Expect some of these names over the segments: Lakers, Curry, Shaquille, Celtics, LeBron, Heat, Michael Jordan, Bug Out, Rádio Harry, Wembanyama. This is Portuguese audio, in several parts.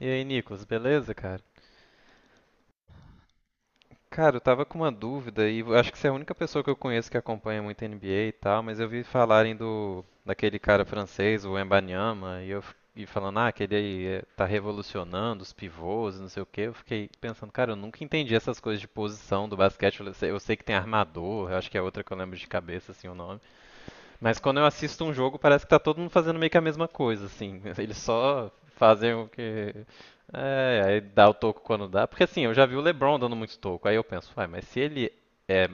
E aí, Nicolas, beleza, cara? Cara, eu tava com uma dúvida e acho que você é a única pessoa que eu conheço que acompanha muito NBA e tal, mas eu vi falarem do daquele cara francês, o Wembanyama, e falando, ah, aquele aí tá revolucionando os pivôs, e não sei o quê. Eu fiquei pensando, cara, eu nunca entendi essas coisas de posição do basquete. Eu sei que tem armador, eu acho que é outra que eu lembro de cabeça assim o nome. Mas quando eu assisto um jogo, parece que tá todo mundo fazendo meio que a mesma coisa, assim. Eles só fazem o que. É, aí dá o toco quando dá. Porque assim, eu já vi o LeBron dando muito toco. Aí eu penso, uai, mas se ele é,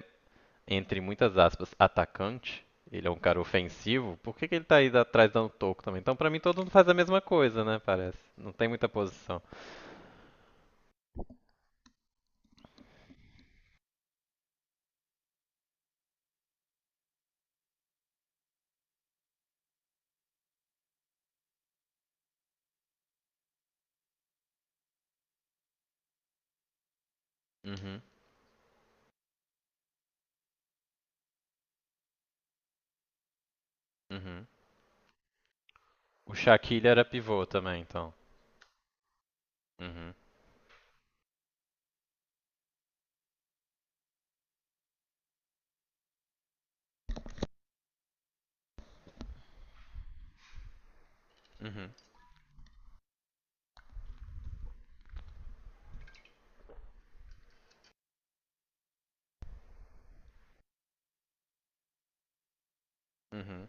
entre muitas aspas, atacante, ele é um cara ofensivo, por que que ele tá aí atrás dando toco também? Então pra mim todo mundo faz a mesma coisa, né? Parece. Não tem muita posição. Uhum, uhum. O Shaquille era pivô também, então. Uhum, uhum, uhum,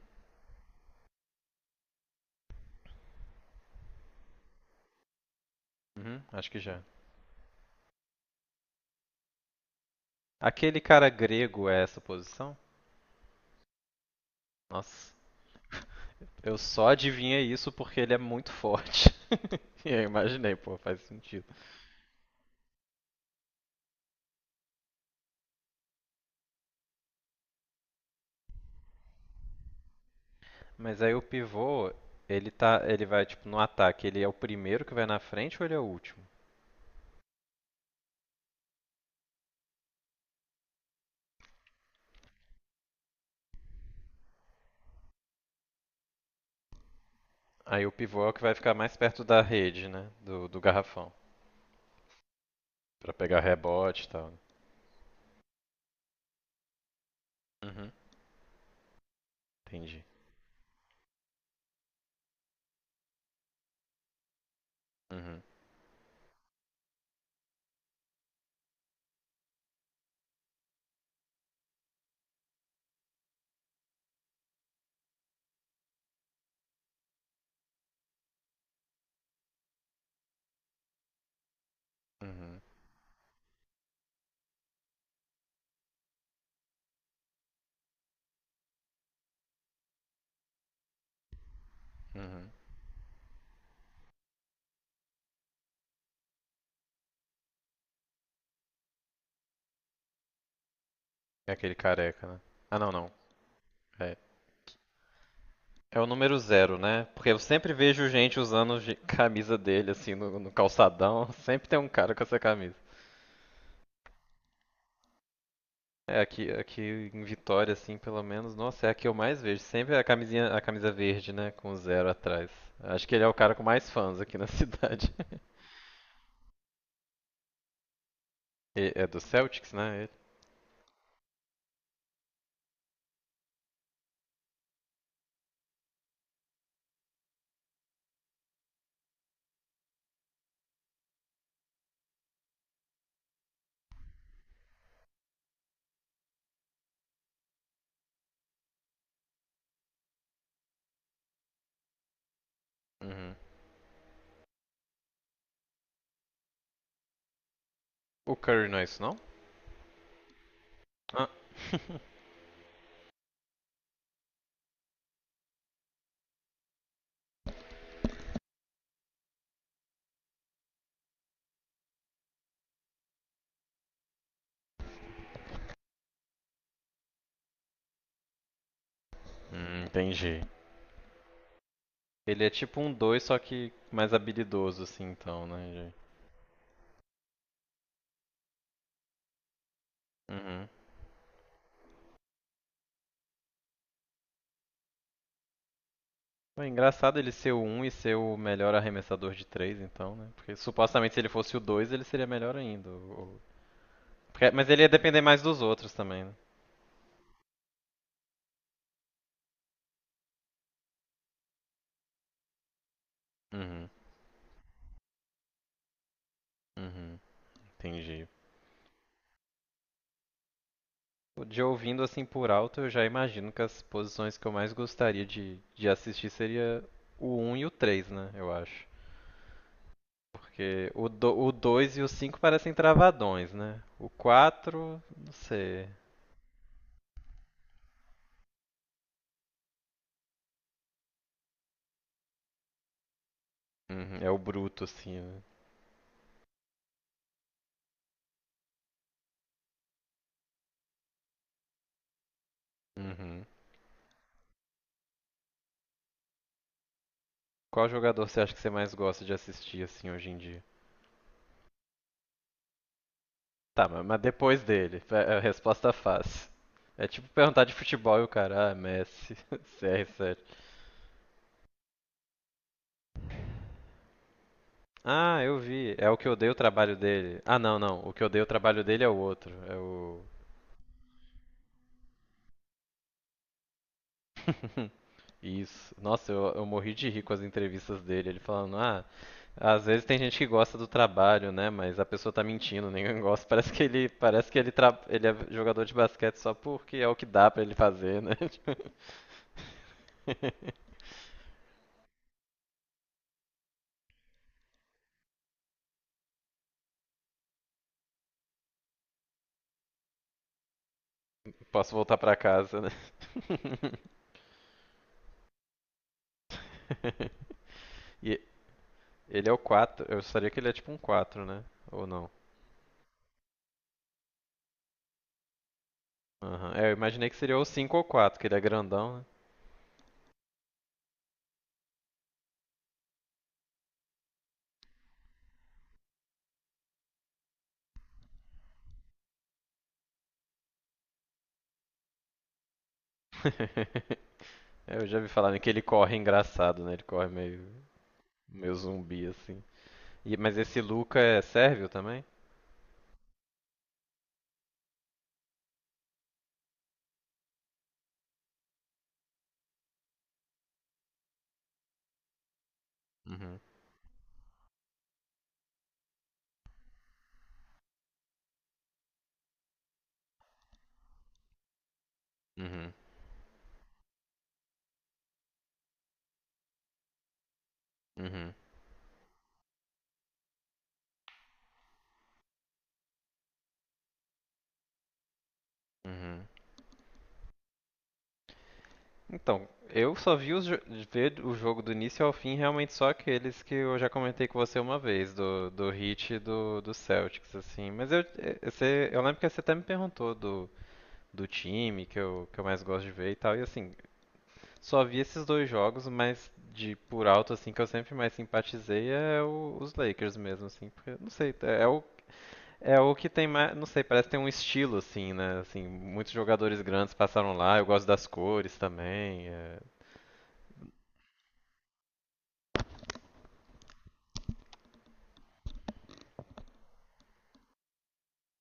uhum. Acho que já. Aquele cara grego é essa posição? Nossa, eu só adivinhei isso porque ele é muito forte. E eu imaginei, pô, faz sentido. Mas aí o pivô, ele vai tipo no ataque, ele é o primeiro que vai na frente ou ele é o último? Aí o pivô é o que vai ficar mais perto da rede, né, do garrafão. Pra pegar rebote e tal, né? Uhum, entendi. Uhum, uhum, uhum. É aquele careca, né? Ah, não, não. É, é o número zero, né? Porque eu sempre vejo gente usando camisa dele assim no calçadão, sempre tem um cara com essa camisa. É, aqui em Vitória, assim, pelo menos, nossa, é a que eu mais vejo. Sempre é a camisinha, a camisa verde, né? Com o zero atrás. Acho que ele é o cara com mais fãs aqui na cidade. É do Celtics, né? Ele. Uhum. O Curry não é isso, não? Ah. Entendi. Ele é tipo um 2 só que mais habilidoso, assim, então, né? Uhum. Pô, é engraçado ele ser o 1 e ser o melhor arremessador de 3 então, né? Porque supostamente se ele fosse o 2 ele seria melhor ainda, o. Mas ele ia depender mais dos outros também, né? Uhum, uhum, entendi. De ouvindo assim por alto, eu já imagino que as posições que eu mais gostaria de assistir seria o um e o 3, né? Eu acho. Porque o 2 e o 5 parecem travadões, né? O 4, não sei. Uhum, é o bruto, assim, né? Uhum. Qual jogador você acha que você mais gosta de assistir, assim, hoje em dia? Tá, mas depois dele, é a resposta fácil. É tipo perguntar de futebol e o cara, ah, Messi, CR7. Ah, eu vi. É o que eu dei o trabalho dele. Ah, não, não. O que eu dei o trabalho dele é o outro. É o. Isso. Nossa, eu morri de rir com as entrevistas dele. Ele falando, ah, às vezes tem gente que gosta do trabalho, né? Mas a pessoa tá mentindo, ninguém gosta. Parece que ele, ele é jogador de basquete só porque é o que dá pra ele fazer, né? Tipo, posso voltar pra casa. E ele é o 4? Eu gostaria que ele é tipo um 4, né? Ou não? Aham. É, eu imaginei que seria o 5 ou 4, que ele é grandão, né? É, eu já vi falarem que ele corre engraçado, né? Ele corre meio, meio zumbi, assim. Mas esse Luca é sérvio também? Uhum. Uhum. Uhum. Uhum. Então, eu só vi os jo- ver o jogo do início ao fim realmente só aqueles que eu já comentei com você uma vez, do Heat e do Celtics, assim. Mas eu, você, eu lembro que você até me perguntou do, do time que eu mais gosto de ver e tal, e assim, só vi esses dois jogos, mas de por alto, assim, que eu sempre mais simpatizei é os Lakers mesmo, assim, porque, não sei, é o, é o que tem mais, não sei, parece que tem um estilo, assim, né, assim, muitos jogadores grandes passaram lá, eu gosto das cores também, é...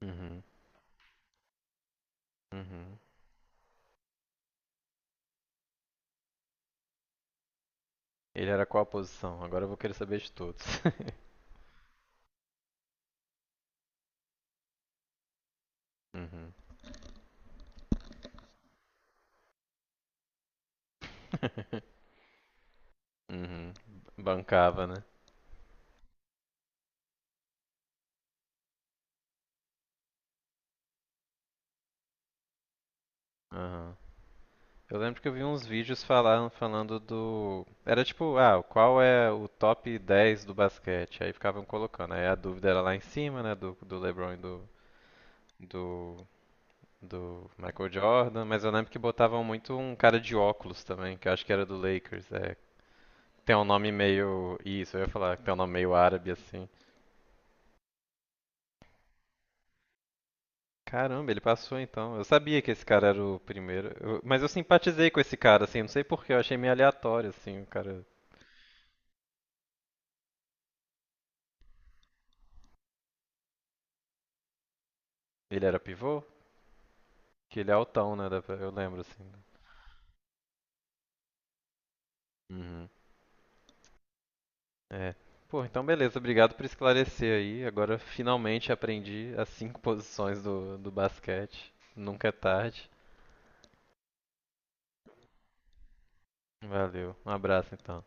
Uhum. Uhum. Ele era qual a posição? Agora eu vou querer saber de todos. Uhum. Uhum. Bancava, né? Aham. Eu lembro que eu vi uns vídeos falando do. Era tipo, ah, qual é o top 10 do basquete? Aí ficavam colocando. Aí a dúvida era lá em cima, né? Do, do LeBron e do, do Michael Jordan. Mas eu lembro que botavam muito um cara de óculos também, que eu acho que era do Lakers. É, tem um nome meio. Isso, eu ia falar que tem um nome meio árabe assim. Caramba, ele passou então. Eu sabia que esse cara era o primeiro. Mas eu simpatizei com esse cara, assim, não sei por porquê, eu achei meio aleatório, assim, o cara. Ele era pivô? Que ele é altão, né? Eu lembro, assim, né? Uhum. É. Pô, então beleza, obrigado por esclarecer aí. Agora finalmente aprendi as cinco posições do basquete. Nunca é tarde. Valeu, um abraço então.